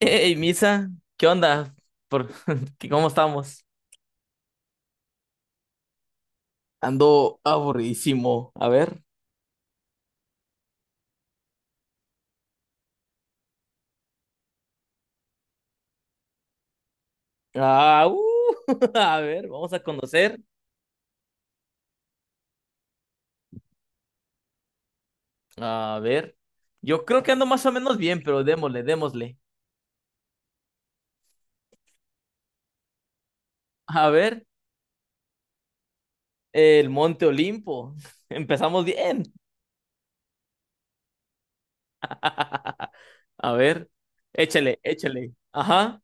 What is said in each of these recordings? Hey, Misa, ¿qué onda? Por... ¿Cómo estamos? Ando aburridísimo. A ver. Ah, uh, a ver, vamos a conocer. A ver. Yo creo que ando más o menos bien, pero démosle, démosle. A ver, el Monte Olimpo. Empezamos bien. A ver, échale, échale. Ajá.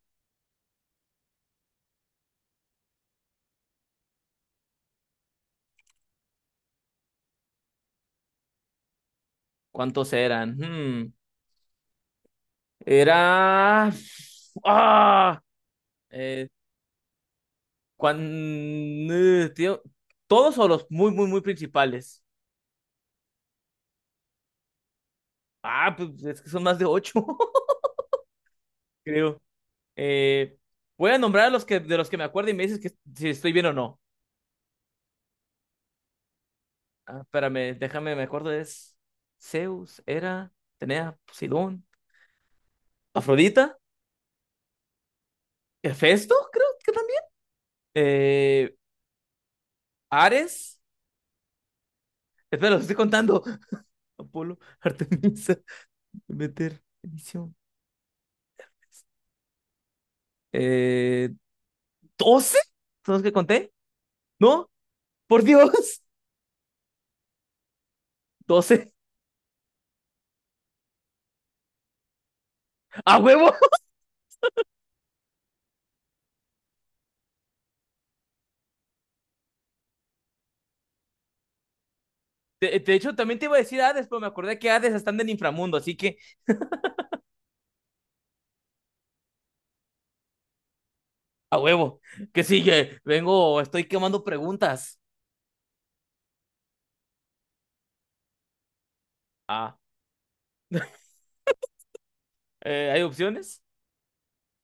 ¿Cuántos eran? Hmm, era. ¡Ah! eh, Cuando tío, todos o los muy, muy, muy principales. Ah, pues es que son más de ocho, creo. Eh, Voy a nombrar a los que, de los que me acuerdo y me dices que si estoy bien o no. Ah, espérame, déjame, me acuerdo, es Zeus, Hera, Tenea, Poseidón, Afrodita, Hefesto, creo que también. Eh, Ares, espera, los estoy contando. Apolo, Artemisa, Demeter, Edición. Eh, ¿12? ¿Son los que conté? ¿No? Por Dios. Doce. ¡A huevo! De hecho, también te iba a decir Hades, pero me acordé que Hades están del inframundo, así que a huevo. ¿Que sigue? Vengo, estoy quemando preguntas. Ah, ¿Hay opciones?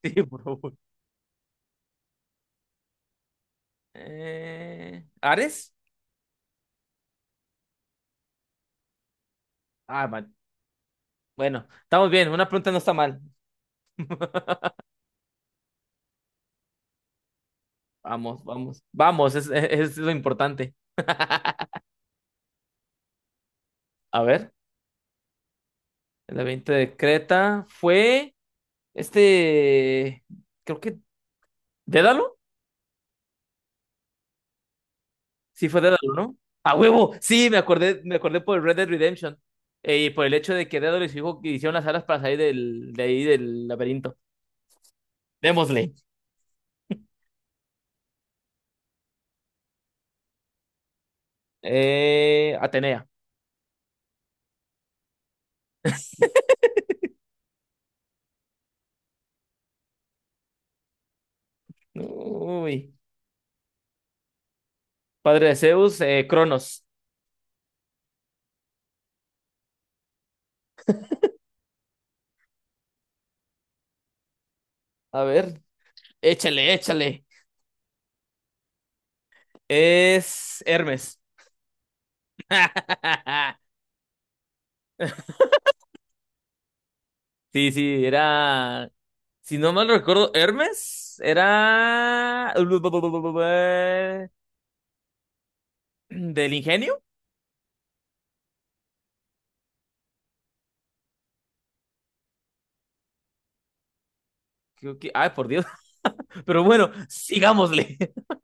Sí, por favor. ¿Ares? Ah, man. Bueno, estamos bien, una pregunta no está mal. Vamos, vamos, vamos, es lo importante. A ver, el evento de Creta fue este, creo que, ¿Dédalo? Sí, fue Dédalo, ¿no? ¡A huevo! Sí, me acordé por el Red Dead Redemption. Y por el hecho de que Dédalo y su hijo hicieron las alas para salir de ahí del laberinto. Démosle. Atenea. Uy. Padre de Zeus, Cronos. A ver. Échale, échale. Es Hermes. Sí, sí, era. Si no mal recuerdo, Hermes era. Del ingenio. Creo que... Ay, por Dios. Pero bueno, sigámosle.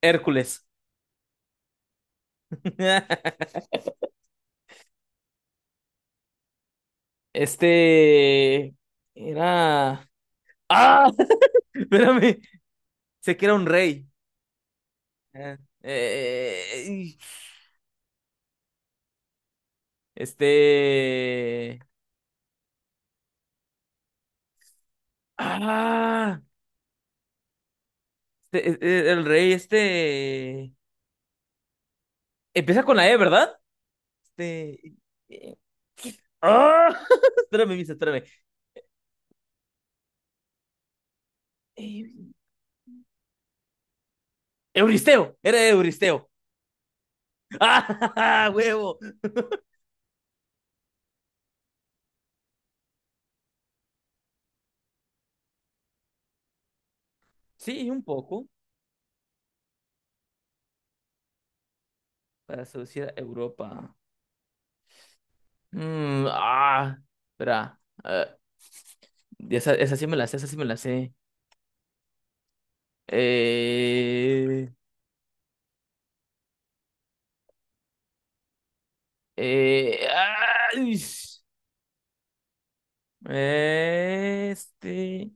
Hércules. Este era. ¡Ah! Espérame. Sé que era un rey. Ah, eh, Este. ¡Ah! El rey, este. Empieza con la E, ¿verdad? Este. eh, ¡Ah! Espérame, Misa, espérame. Eh, era Euristeo. ¡Ah! ¡Huevo! Sí, un poco. Para seducir a Europa. Mm, ah, espera. Ah, esa sí me la sé, esa sí me la sé. Eh, eh, ay, este.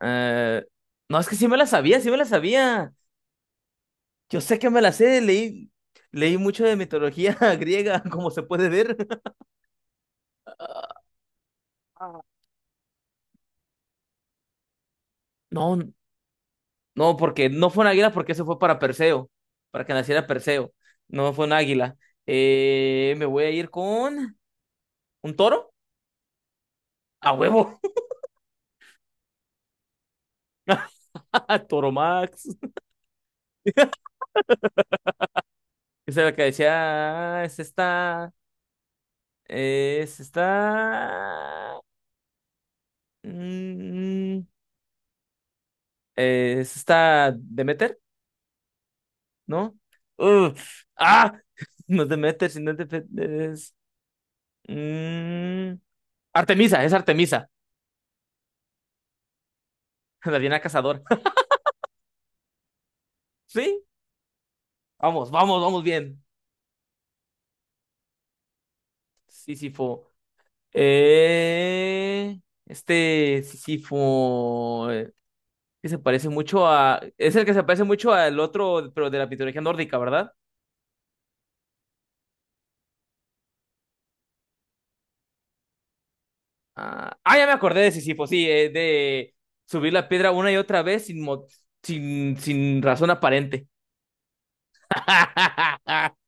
Eh, no, es que sí me la sabía, sí me la sabía. Yo sé que me la sé, leí, leí mucho de mitología griega, como se puede ver. Ah, no, no, porque no fue un águila, porque eso fue para Perseo, para que naciera Perseo. No fue un águila. Me voy a ir con un toro. A huevo. Toromax. Esa era la que decía, "Ah, es esta, es esta, mm, es esta Demeter, ¿no? Uh, ah, no es Demeter, es, mm, Artemisa, es Artemisa, la Diana Cazadora. Sí, vamos, vamos, vamos bien. Sísifo. Eh, este Sísifo. Que se parece mucho a. Es el que se parece mucho al otro, pero de la mitología nórdica, ¿verdad? Ah, ah, ya me acordé de Sísifo, sí, de subir la piedra una y otra vez sin, mo- sin, sin razón aparente.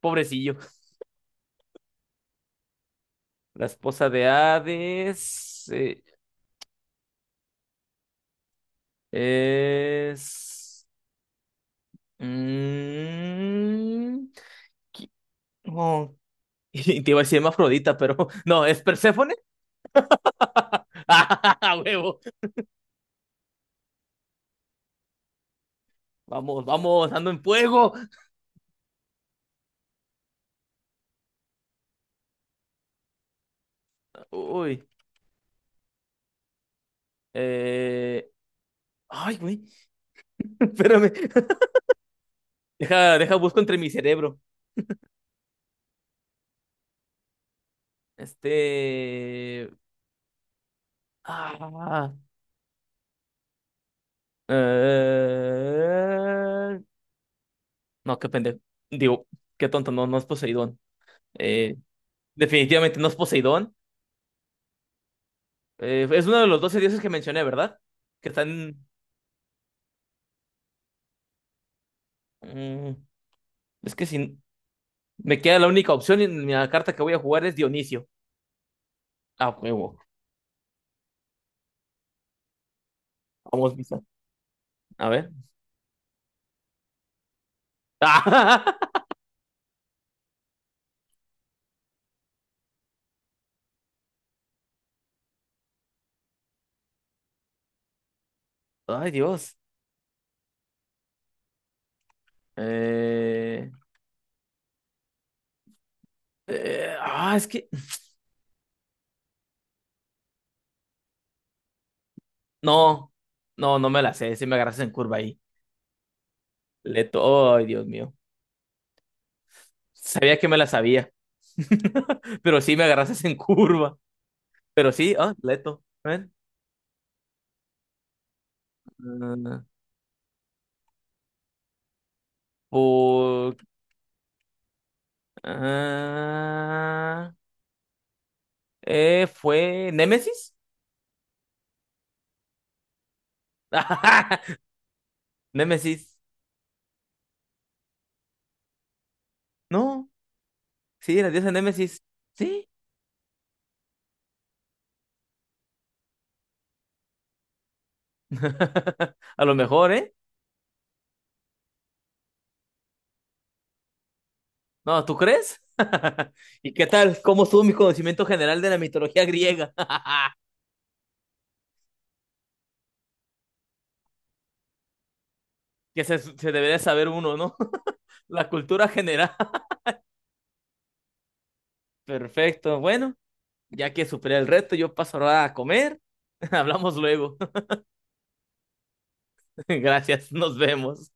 Pobrecillo. La esposa de Hades es. Mm, qui- no. Y te iba a decir Afrodita, pero no, es Perséfone. ¡Ah, huevo! Vamos, vamos, ando en fuego. Uy. Eh... Ay, güey, espérame. Deja, deja, busco entre mi cerebro. Este. Ah. Eh... No, qué pendejo. Digo, qué tonto, no, no es Poseidón. Eh, definitivamente no es Poseidón. Es uno de los 12 dioses que mencioné, ¿verdad? Que están. mm, es que si me queda la única opción en la carta que voy a jugar es Dionisio. Ah, huevo. Vamos, Misa. A ver. Ay, Dios. Eh. Es que. No, no, no me la sé. Si me agarras en curva ahí. Leto, ay, Dios mío. Sabía que me la sabía. Pero sí me agarras en curva. Pero sí, ah, Leto. ¿Ven? Ah, por- ah, ¿Fue Némesis? Némesis. No, sí, la diosa Némesis. Sí. A lo mejor, ¿eh? No, ¿tú crees? ¿Y qué tal? ¿Cómo estuvo mi conocimiento general de la mitología griega? Que se debe de saber uno, ¿no? La cultura general. Perfecto. Bueno, ya que superé el reto, yo paso ahora a comer. Hablamos luego. Gracias, nos vemos.